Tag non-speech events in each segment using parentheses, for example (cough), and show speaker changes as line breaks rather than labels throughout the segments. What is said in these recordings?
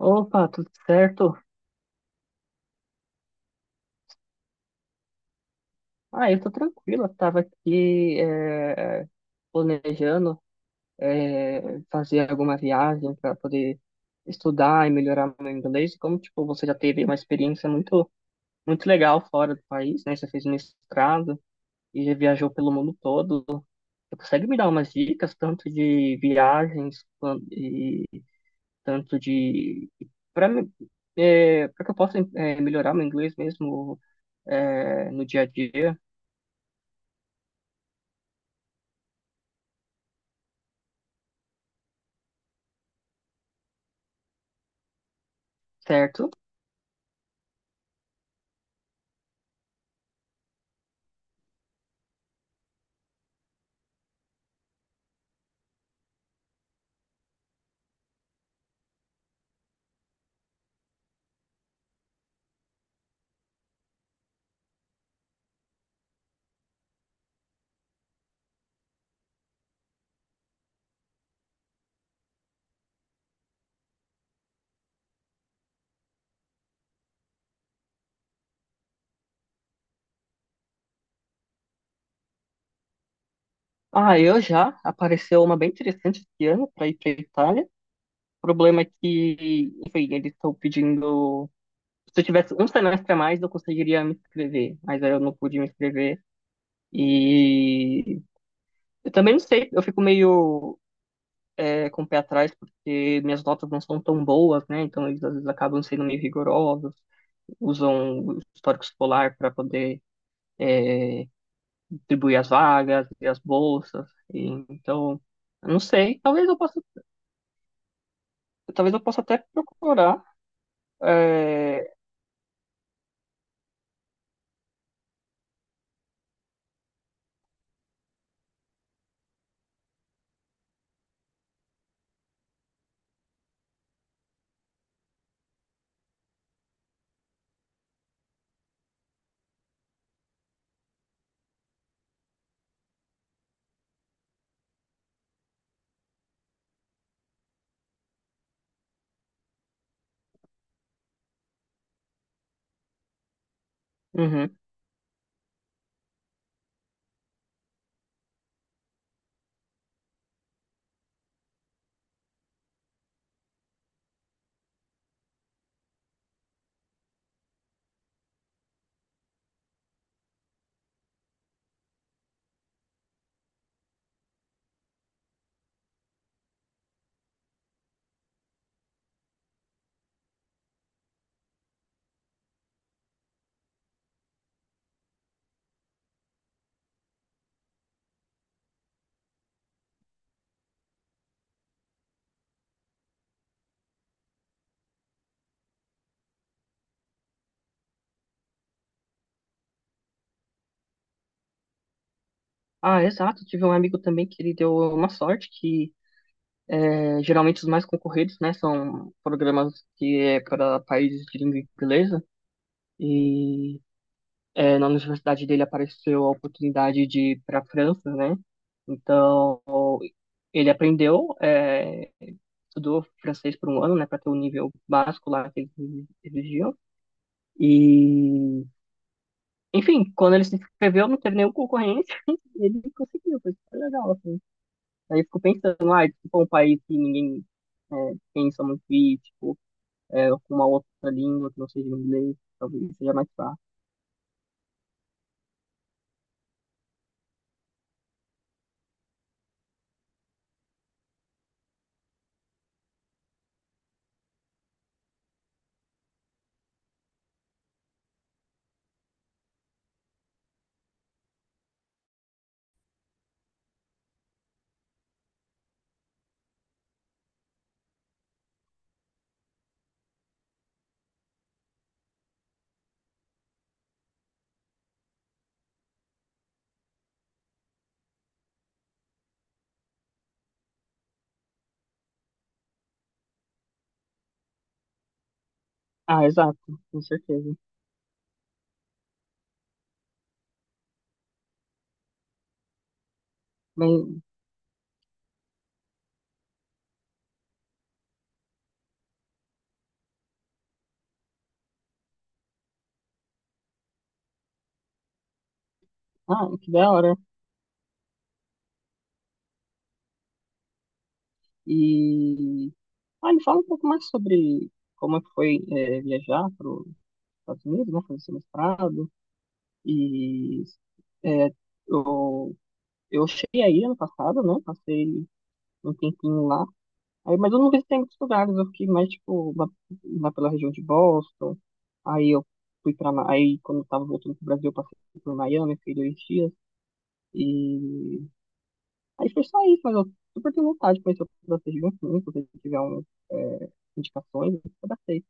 Opa, tudo certo? Ah, eu tô tranquilo. Eu tava aqui planejando fazer alguma viagem para poder estudar e melhorar meu inglês. Como tipo você já teve uma experiência muito muito legal fora do país, né? Você fez mestrado e já viajou pelo mundo todo. Você consegue me dar umas dicas tanto de viagens e tanto de para para que eu possa melhorar meu inglês mesmo no dia a dia? Certo. Ah, eu já apareceu uma bem interessante esse ano para ir para Itália. O problema é que, enfim, eles estão pedindo. Se eu tivesse um semestre a mais, eu conseguiria me inscrever, mas aí eu não pude me inscrever. E eu também não sei, eu fico meio com o pé atrás, porque minhas notas não são tão boas, né? Então eles às vezes acabam sendo meio rigorosos, usam o histórico escolar para poder é, distribuir as vagas e as bolsas. E, então. Eu não sei, talvez eu possa até procurar. é, uhum. Ah, exato. Tive um amigo também que ele deu uma sorte que geralmente os mais concorridos, né, são programas que é para países de língua inglesa. E na universidade dele apareceu a oportunidade de ir para a França, né? Então ele aprendeu, estudou francês por um ano, né, para ter o nível básico lá que eles exigiam. E Enfim, quando ele se inscreveu, não teve nenhum concorrente, (laughs) e ele conseguiu, foi super legal, assim. Aí eu fico pensando, ah, tipo, é um país que ninguém pensa muito e, tipo, com uma outra língua que não seja o inglês, talvez seja mais fácil. Ah, exato, com certeza. Mas, ah, que da hora. E, ah, me fala um pouco mais sobre como é que foi viajar para os Estados Unidos, né, fazer seu mestrado, e é, eu, eu cheguei aí ano passado, né, passei um tempinho lá. Aí, mas eu não visitei muitos lugares, eu fiquei mais, tipo, lá pela região de Boston. Aí eu fui pra. Aí, quando eu tava voltando pro Brasil, eu passei por Miami, fiquei 2 dias. E. Aí foi só isso, mas eu super tenho vontade de conhecer outras regiões, sim, se você tiver é, indicações, eu abracei.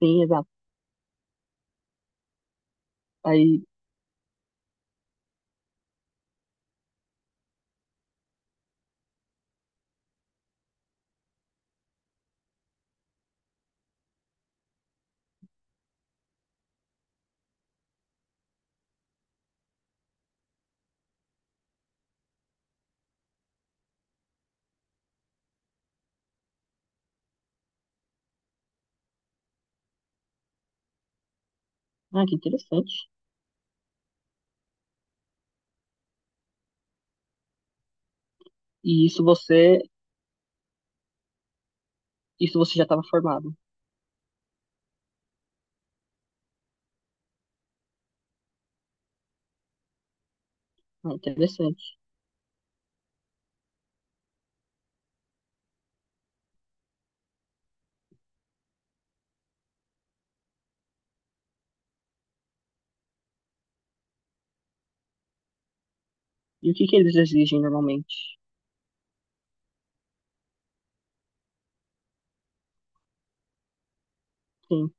Sim, exato. Aí. Ah, que interessante. E isso você. Isso você já estava formado. Ah, interessante. E o que que eles exigem normalmente? Sim,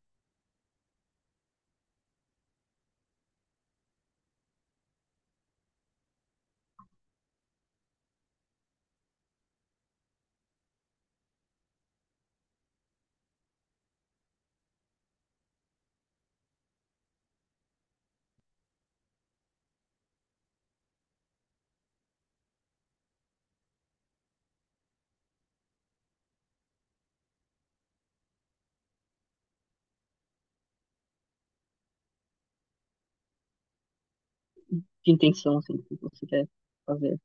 de intenção, assim, do que você quer fazer.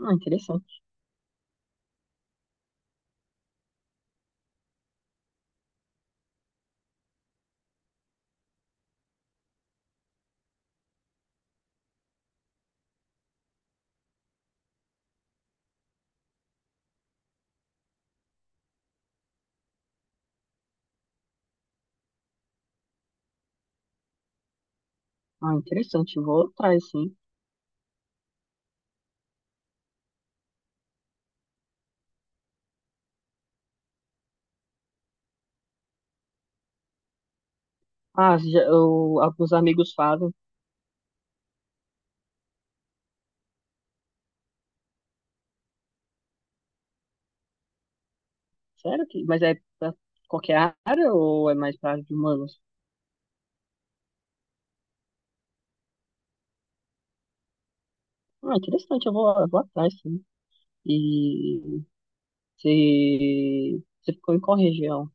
Ah, interessante. Ah, interessante. Vou atrás, sim. Ah, já, alguns amigos fazem. Sério que? Mas é pra qualquer área ou é mais pra área de humanos? Ah, interessante. Eu vou atrás, sim. E você ficou em qual região?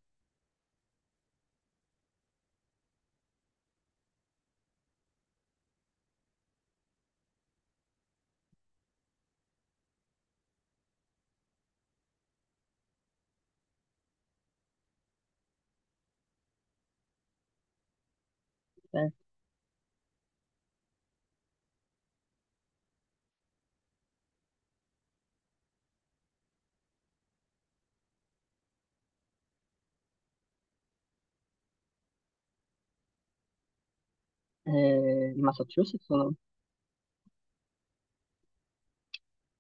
Né? É, em Massachusetts ou não?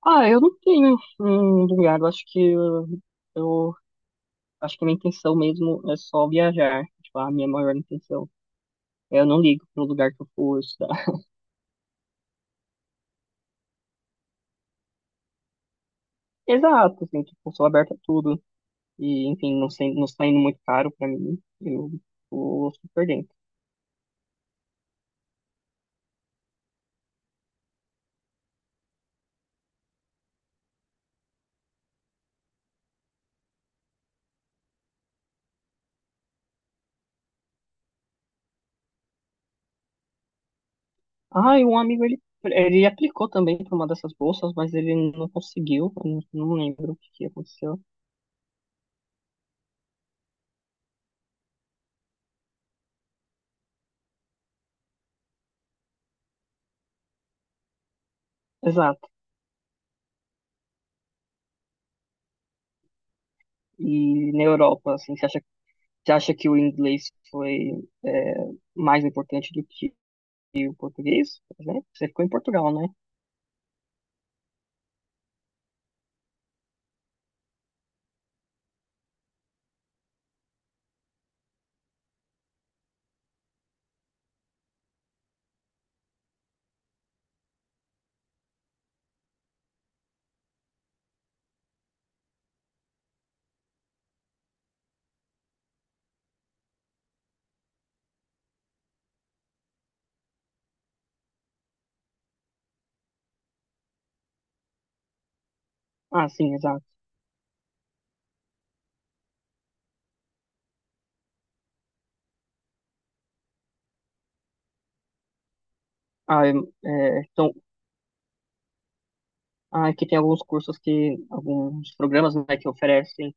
Ah, eu não tenho um lugar. Eu acho que eu acho que a minha intenção mesmo é só viajar. Tipo, a minha maior intenção. Eu não ligo pro lugar que eu for estudar. (laughs) Exato, assim, tipo, sou aberta a tudo. E, enfim, não sei, não está indo muito caro pra mim. Eu tô super dentro. Ah, e um amigo, ele aplicou também pra uma dessas bolsas, mas ele não conseguiu. Eu não lembro o que que aconteceu. Exato. E na Europa, assim, você acha que o inglês foi é, mais importante do que o português, por exemplo? Você ficou em Portugal, né? Ah, sim, exato. Ah, então, ah, aqui tem alguns cursos que, alguns programas, né, que oferecem.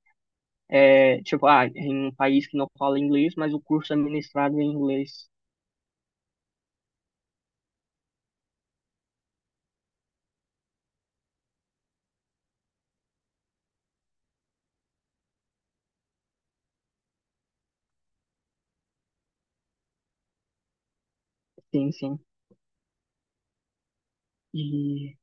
Tipo, ah, em um país que não fala inglês, mas o curso é ministrado em inglês. Sim, sim. E.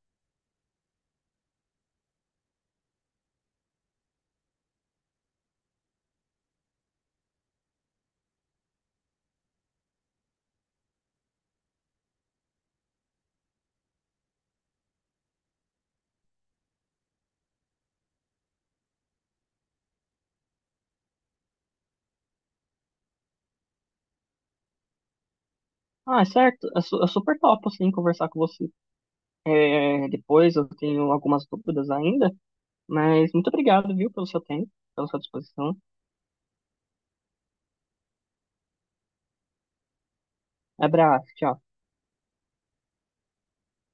Ah, é certo. É super top, assim, conversar com você. É, depois eu tenho algumas dúvidas ainda, mas muito obrigado, viu, pelo seu tempo, pela sua disposição. Abraço, tchau.